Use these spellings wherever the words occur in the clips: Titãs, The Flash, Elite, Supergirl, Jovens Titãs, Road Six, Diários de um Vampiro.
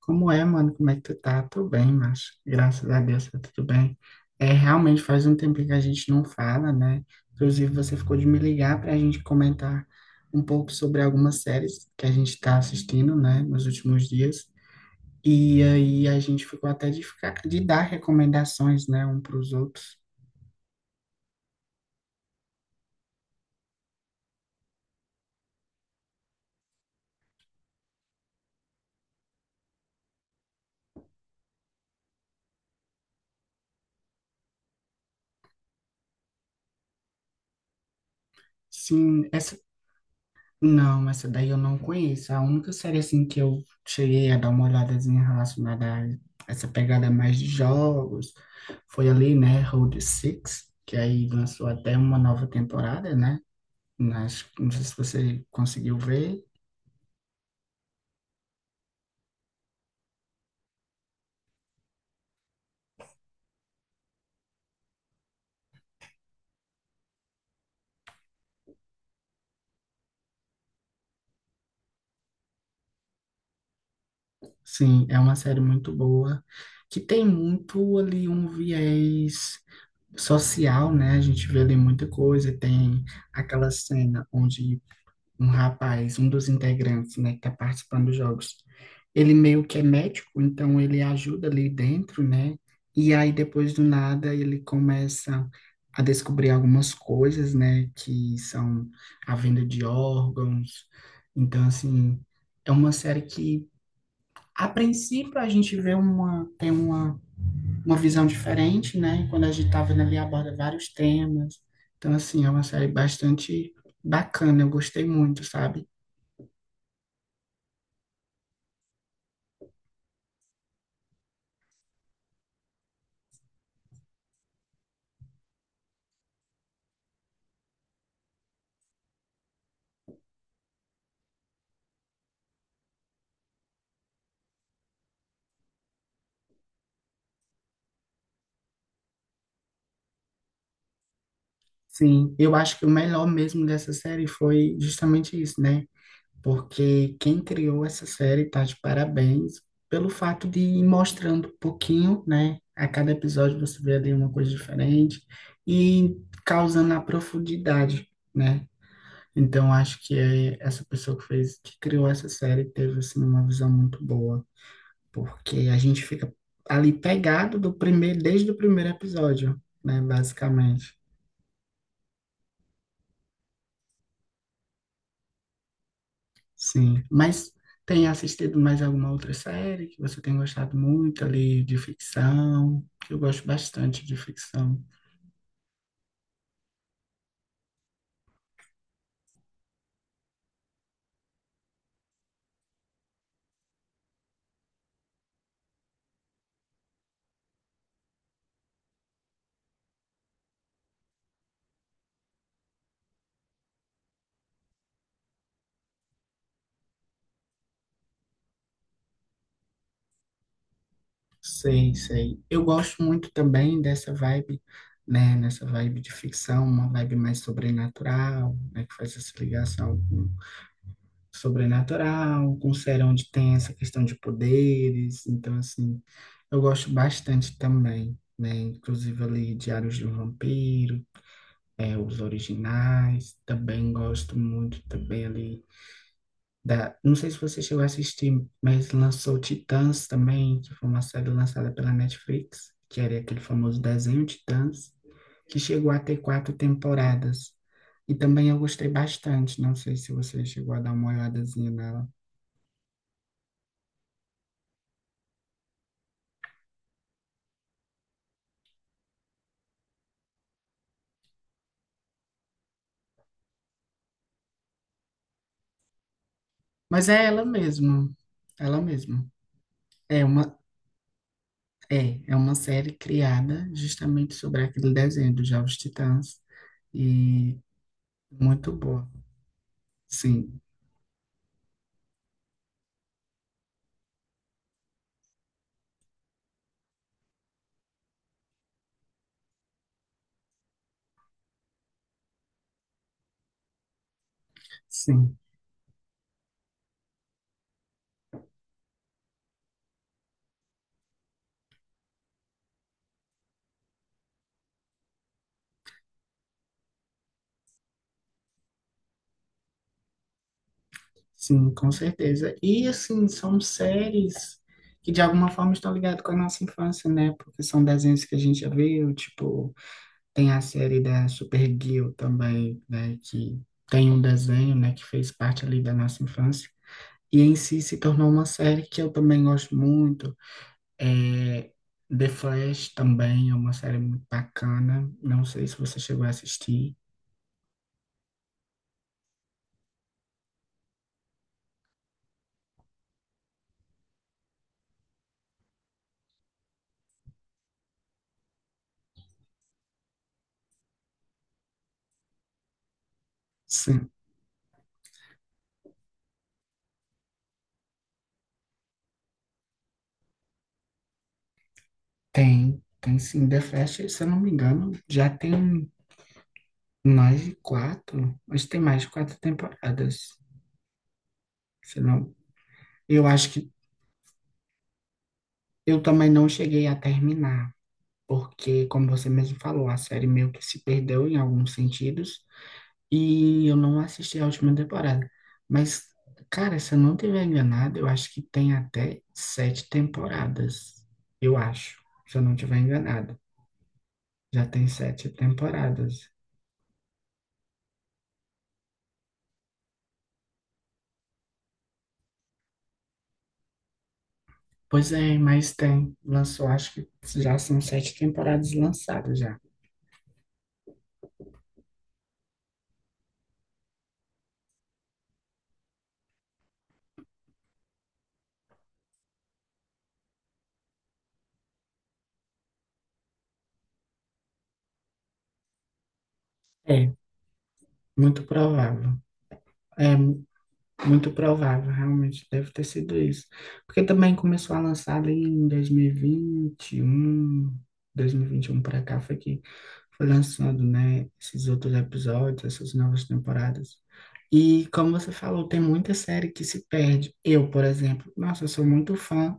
Como é, mano? Como é que tu tá? Tô bem, macho. Graças a Deus, tá tudo bem. É, realmente faz um tempo que a gente não fala, né? Inclusive, você ficou de me ligar pra gente comentar um pouco sobre algumas séries que a gente tá assistindo, né, nos últimos dias. E aí a gente ficou até de dar recomendações, né, um pros outros. Sim, essa Não, essa daí eu não conheço. A única série assim que eu cheguei a dar uma olhadazinha relacionada a essa pegada mais de jogos foi ali, né, Road Six, que aí lançou até uma nova temporada, né? Mas não sei se você conseguiu ver. Sim, é uma série muito boa, que tem muito ali um viés social, né? A gente vê ali muita coisa, tem aquela cena onde um rapaz, um dos integrantes, né, que está participando dos jogos, ele meio que é médico, então ele ajuda ali dentro, né? E aí depois do nada ele começa a descobrir algumas coisas, né, que são a venda de órgãos. Então assim, é uma série que a princípio a gente vê uma tem uma visão diferente, né? Quando a gente tá vendo ali aborda vários temas. Então assim, é uma série bastante bacana, eu gostei muito, sabe? Sim, eu acho que o melhor mesmo dessa série foi justamente isso, né? Porque quem criou essa série tá de parabéns pelo fato de ir mostrando um pouquinho, né? A cada episódio você vê ali uma coisa diferente e causando a profundidade, né? Então acho que é essa pessoa que criou essa série teve assim uma visão muito boa, porque a gente fica ali pegado desde o primeiro episódio, né? Basicamente. Sim, mas tem assistido mais alguma outra série que você tem gostado muito ali de ficção? Que eu gosto bastante de ficção. Sei, sei. Eu gosto muito também dessa vibe, né? Nessa vibe de ficção, uma vibe mais sobrenatural, né? Que faz essa ligação com sobrenatural, com um série onde tem essa questão de poderes. Então, assim, eu gosto bastante também, né? Inclusive ali Diários de um Vampiro. É, os originais. Também gosto muito também ali da. Não sei se você chegou a assistir, mas lançou Titãs também, que foi uma série lançada pela Netflix, que era aquele famoso desenho Titãs, que chegou a ter quatro temporadas. E também eu gostei bastante. Não sei se você chegou a dar uma olhadazinha nela. Mas é ela mesma. Ela mesma. É uma, é uma série criada justamente sobre aquele desenho dos Jovens Titãs. E Muito boa. Sim, sim, sim, com certeza. E assim, são séries que de alguma forma estão ligadas com a nossa infância, né? Porque são desenhos que a gente já viu, tipo, tem a série da Supergirl também, né? Que tem um desenho, né, que fez parte ali da nossa infância. E em si se tornou uma série que eu também gosto muito. É, The Flash também é uma série muito bacana. Não sei se você chegou a assistir. Sim, tem. Tem sim, The Flash, se eu não me engano, já tem mais de quatro? Acho que tem mais de quatro temporadas. Se não, eu acho que eu também não cheguei a terminar, porque, como você mesmo falou, a série meio que se perdeu em alguns sentidos e eu não assisti a última temporada. Mas, cara, se eu não estiver enganado, eu acho que tem até sete temporadas. Eu acho, se eu não estiver enganado. Já tem sete temporadas. Pois é, mas tem. Lançou, acho que já são sete temporadas lançadas já. É, muito provável. É muito provável, realmente deve ter sido isso. Porque também começou a lançar ali em dois mil e vinte e um, dois mil e vinte vinte um, e um para cá foi que foi lançando, né, esses outros episódios, essas novas temporadas. E como você falou, tem muita série que se perde. Eu, por exemplo, nossa, eu sou muito fã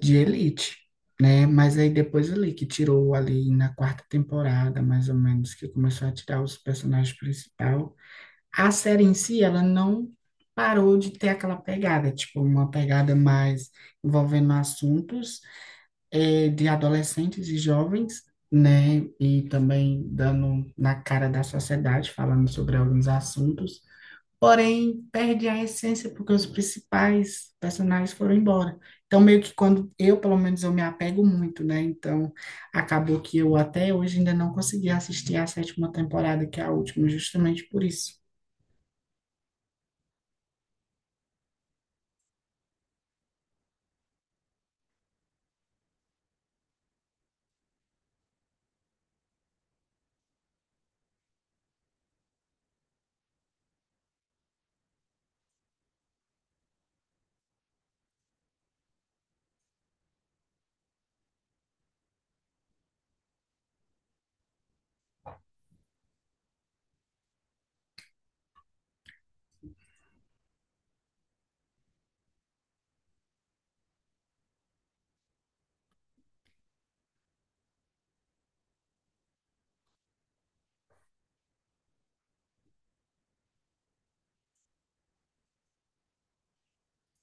de Elite, né? Mas aí depois ali que tirou ali na quarta temporada, mais ou menos, que começou a tirar os personagens principal, a série em si ela não parou de ter aquela pegada, tipo uma pegada mais envolvendo assuntos de adolescentes e jovens, né? E também dando na cara da sociedade, falando sobre alguns assuntos. Porém, perde a essência porque os principais personagens foram embora. Então, meio que quando eu, pelo menos, eu me apego muito, né? Então, acabou que eu até hoje ainda não consegui assistir a sétima temporada, que é a última, justamente por isso.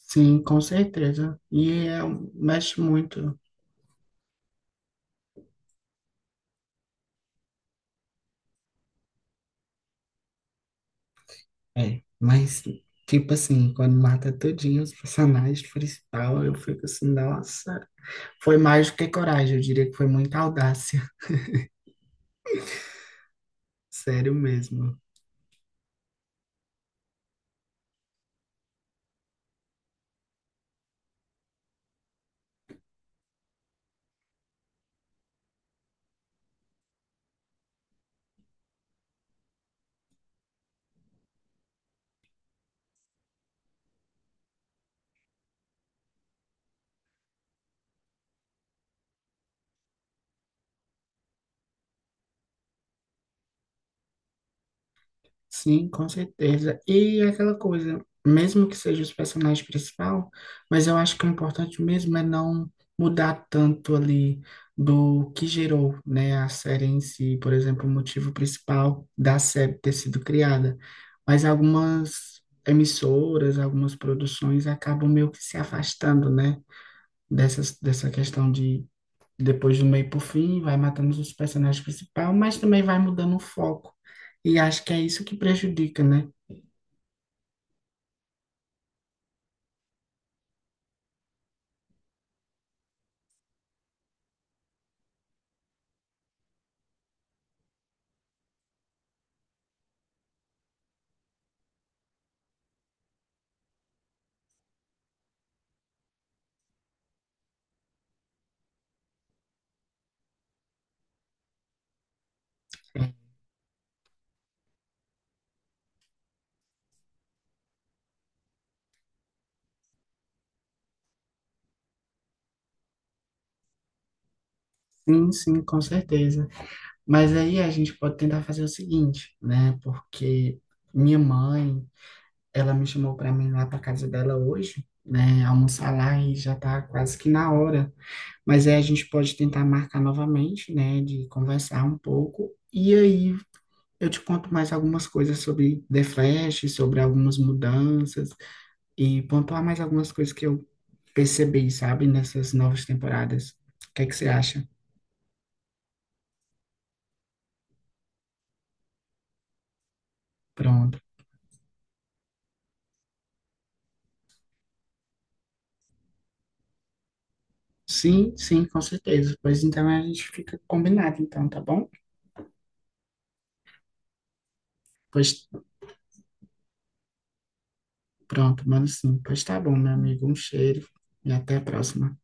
Sim, com certeza. E é, mexe muito. É, mas, tipo assim, quando mata todinho os personagens principal, eu fico assim, nossa. Foi mais do que coragem, eu diria que foi muita audácia. Sério mesmo. Sim, com certeza. E aquela coisa, mesmo que seja os personagens principal, mas eu acho que o importante mesmo é não mudar tanto ali do que gerou, né, a série em si, por exemplo, o motivo principal da série ter sido criada. Mas algumas emissoras, algumas produções acabam meio que se afastando, né, dessa questão de depois do meio pro fim, vai matando os personagens principais, mas também vai mudando o foco. E acho que é isso que prejudica, né? É, sim, sim, com certeza. Mas aí a gente pode tentar fazer o seguinte, né? Porque minha mãe, ela me chamou para mim lá para casa dela hoje, né? Almoçar lá e já tá quase que na hora. Mas aí a gente pode tentar marcar novamente, né? De conversar um pouco. E aí eu te conto mais algumas coisas sobre The Flash, sobre algumas mudanças, e pontuar mais algumas coisas que eu percebi, sabe, nessas novas temporadas. O que é que você acha? Pronto. Sim, sim, com certeza. Pois então a gente fica combinado, então, tá bom? Pois pronto, mano, sim. Pois tá bom, meu amigo. Um cheiro e até a próxima.